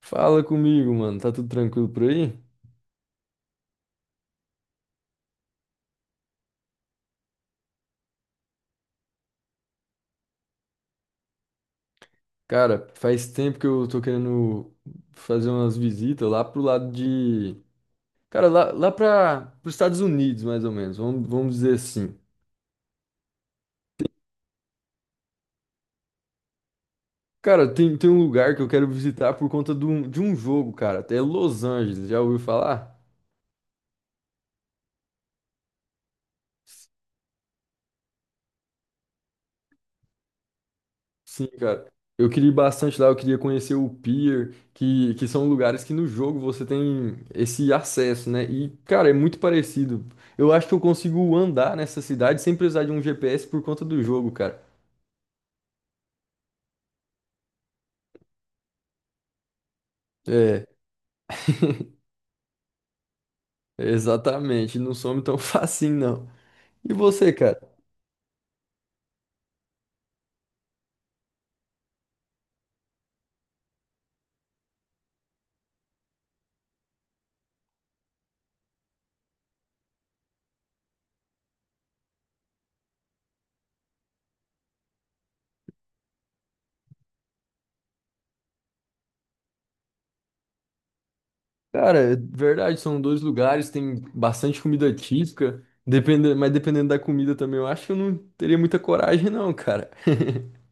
Fala comigo, mano. Tá tudo tranquilo por aí? Cara, faz tempo que eu tô querendo fazer umas visitas lá pro lado de. Cara, lá para os Estados Unidos, mais ou menos. Vamos dizer assim. Cara, tem um lugar que eu quero visitar por conta de um jogo, cara. Até Los Angeles. Já ouviu falar? Sim, cara. Eu queria ir bastante lá, eu queria conhecer o Pier, que são lugares que no jogo você tem esse acesso, né? E, cara, é muito parecido. Eu acho que eu consigo andar nessa cidade sem precisar de um GPS por conta do jogo, cara. É, exatamente. Não some tão facinho, não. E você, cara? Cara, é verdade, são dois lugares, tem bastante comida típica, depende, mas dependendo da comida também, eu acho que eu não teria muita coragem, não, cara.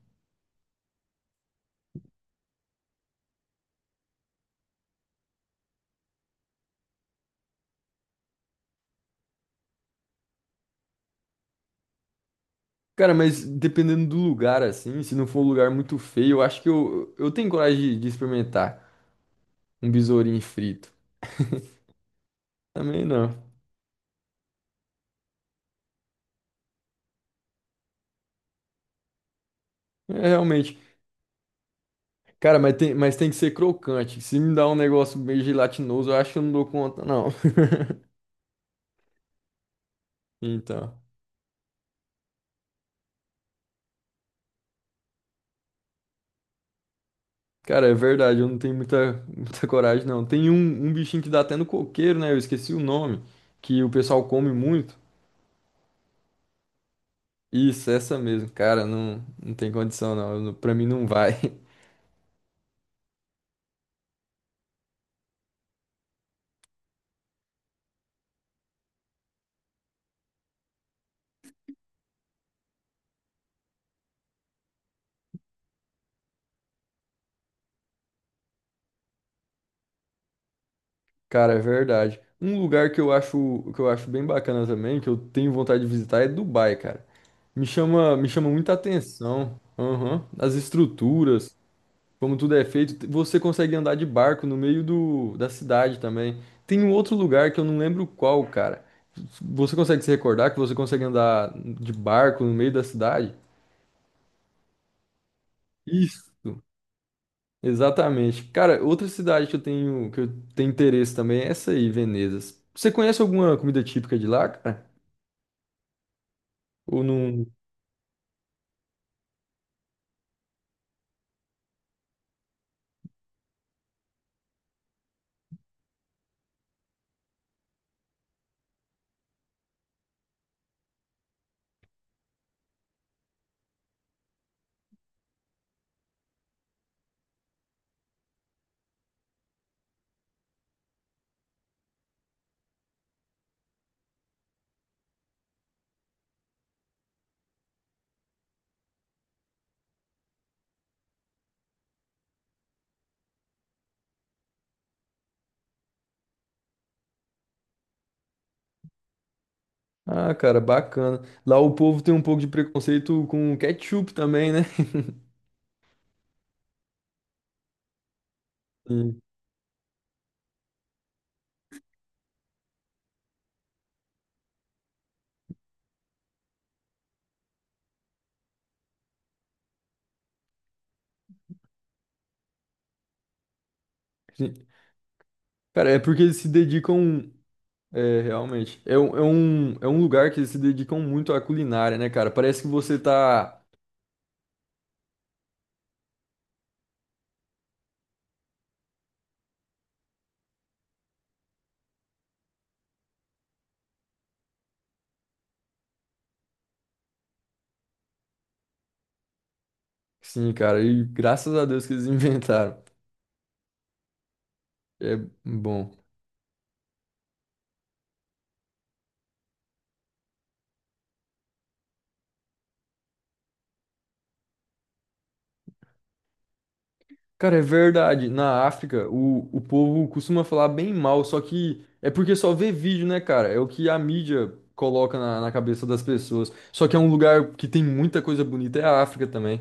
Cara, mas dependendo do lugar, assim, se não for um lugar muito feio, eu acho que eu tenho coragem de experimentar um besourinho frito. Também não. É realmente. Cara, mas tem que ser crocante. Se me dá um negócio meio gelatinoso, eu acho que eu não dou conta, não. Então. Cara, é verdade, eu não tenho muita coragem, não. Tem um bichinho que dá até no coqueiro, né? Eu esqueci o nome, que o pessoal come muito. Isso, essa mesmo. Cara, não tem condição, não. Eu não- Pra mim não vai. Cara, é verdade. Um lugar que eu acho bem bacana também, que eu tenho vontade de visitar, é Dubai, cara. Me chama muita atenção. Aham. As estruturas, como tudo é feito. Você consegue andar de barco no meio do, da cidade também. Tem um outro lugar que eu não lembro qual, cara. Você consegue se recordar que você consegue andar de barco no meio da cidade? Isso. Exatamente. Cara, outra cidade que eu tenho interesse também é essa aí, Veneza. Você conhece alguma comida típica de lá, cara? Ou não? Ah, cara, bacana. Lá o povo tem um pouco de preconceito com ketchup também, né? Sim, sim. Cara, é porque eles se dedicam. É, realmente. É, um- é um, é um lugar que eles se dedicam muito à culinária, né, cara? Parece que você tá. Sim, cara, e graças a Deus que eles inventaram. É bom. Cara, é verdade. Na África, o povo costuma falar bem mal, só que é porque só vê vídeo, né, cara? É o que a mídia coloca na, na cabeça das pessoas. Só que é um lugar que tem muita coisa bonita, é a África também.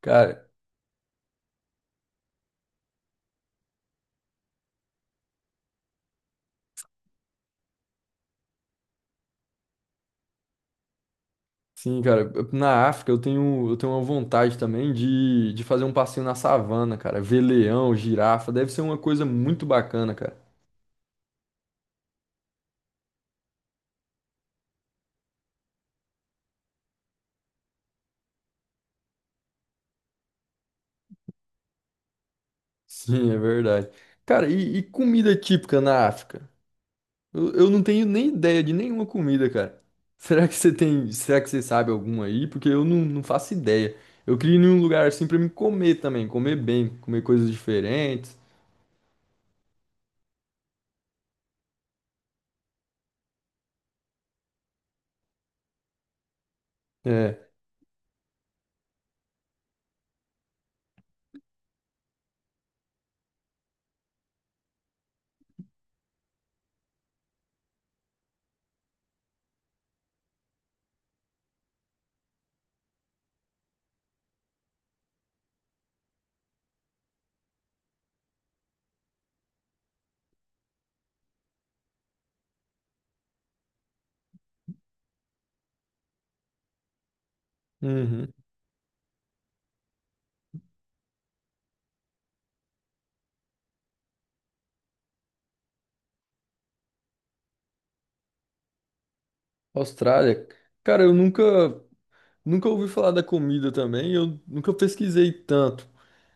Cara, sim, cara. Na África, eu tenho uma vontade também de fazer um passeio na savana, cara. Ver leão, girafa, deve ser uma coisa muito bacana, cara. Sim, é verdade. Cara, e comida típica na África? Eu não tenho nem ideia de nenhuma comida, cara. Será que você tem, será que você sabe alguma aí? Porque eu não faço ideia. Eu queria ir num lugar assim pra me comer também, comer bem, comer coisas diferentes. É. Uhum. Austrália. Cara, eu nunca ouvi falar da comida também, eu nunca pesquisei tanto.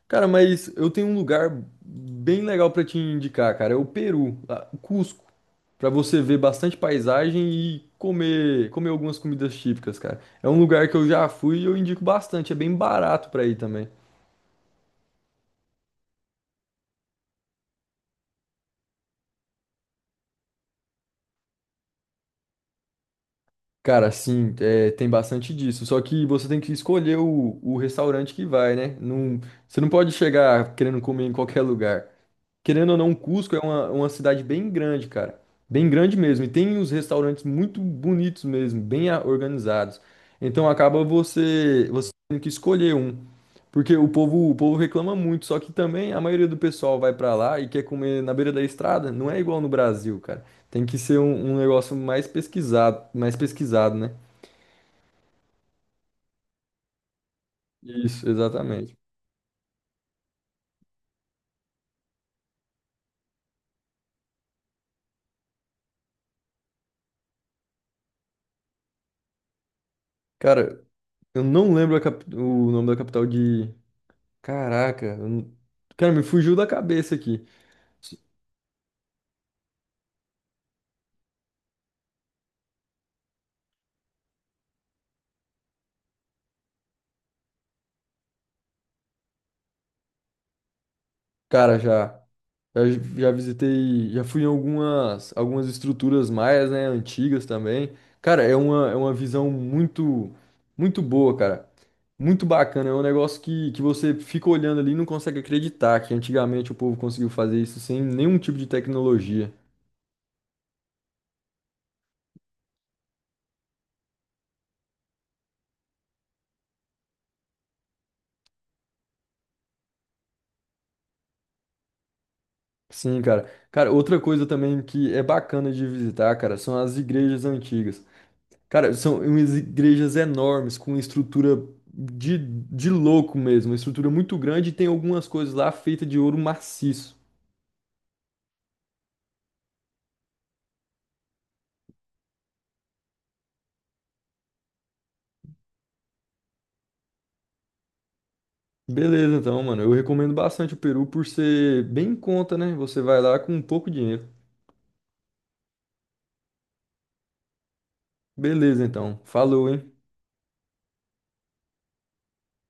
Cara, mas eu tenho um lugar bem legal pra te indicar, cara. É o Peru, lá, o Cusco. Pra você ver bastante paisagem e comer, comer algumas comidas típicas, cara. É um lugar que eu já fui e eu indico bastante, é bem barato pra ir também. Cara, sim, é, tem bastante disso. Só que você tem que escolher o restaurante que vai, né? Não, você não pode chegar querendo comer em qualquer lugar. Querendo ou não, Cusco é uma cidade bem grande, cara. Bem grande mesmo. E tem uns restaurantes muito bonitos mesmo, bem a- organizados. Então acaba você tendo que escolher um. Porque o povo reclama muito, só que também a maioria do pessoal vai pra lá e quer comer na beira da estrada, não é igual no Brasil, cara. Tem que ser um negócio mais pesquisado, né? Isso, exatamente. Cara, eu não lembro a cap- o nome da capital de. Caraca, eu não- cara, me fugiu da cabeça aqui. Cara, já. Já, já visitei, já fui em algumas, algumas estruturas maias, né, antigas também. Cara, é uma visão muito, muito boa, cara. Muito bacana. É um negócio que você fica olhando ali e não consegue acreditar que antigamente o povo conseguiu fazer isso sem nenhum tipo de tecnologia. Sim, cara. Cara, outra coisa também que é bacana de visitar, cara, são as igrejas antigas. Cara, são umas igrejas enormes, com estrutura de louco mesmo, uma estrutura muito grande e tem algumas coisas lá feitas de ouro maciço. Beleza, então, mano, eu recomendo bastante o Peru por ser bem em conta, né? Você vai lá com um pouco de dinheiro. Beleza, então. Falou, hein?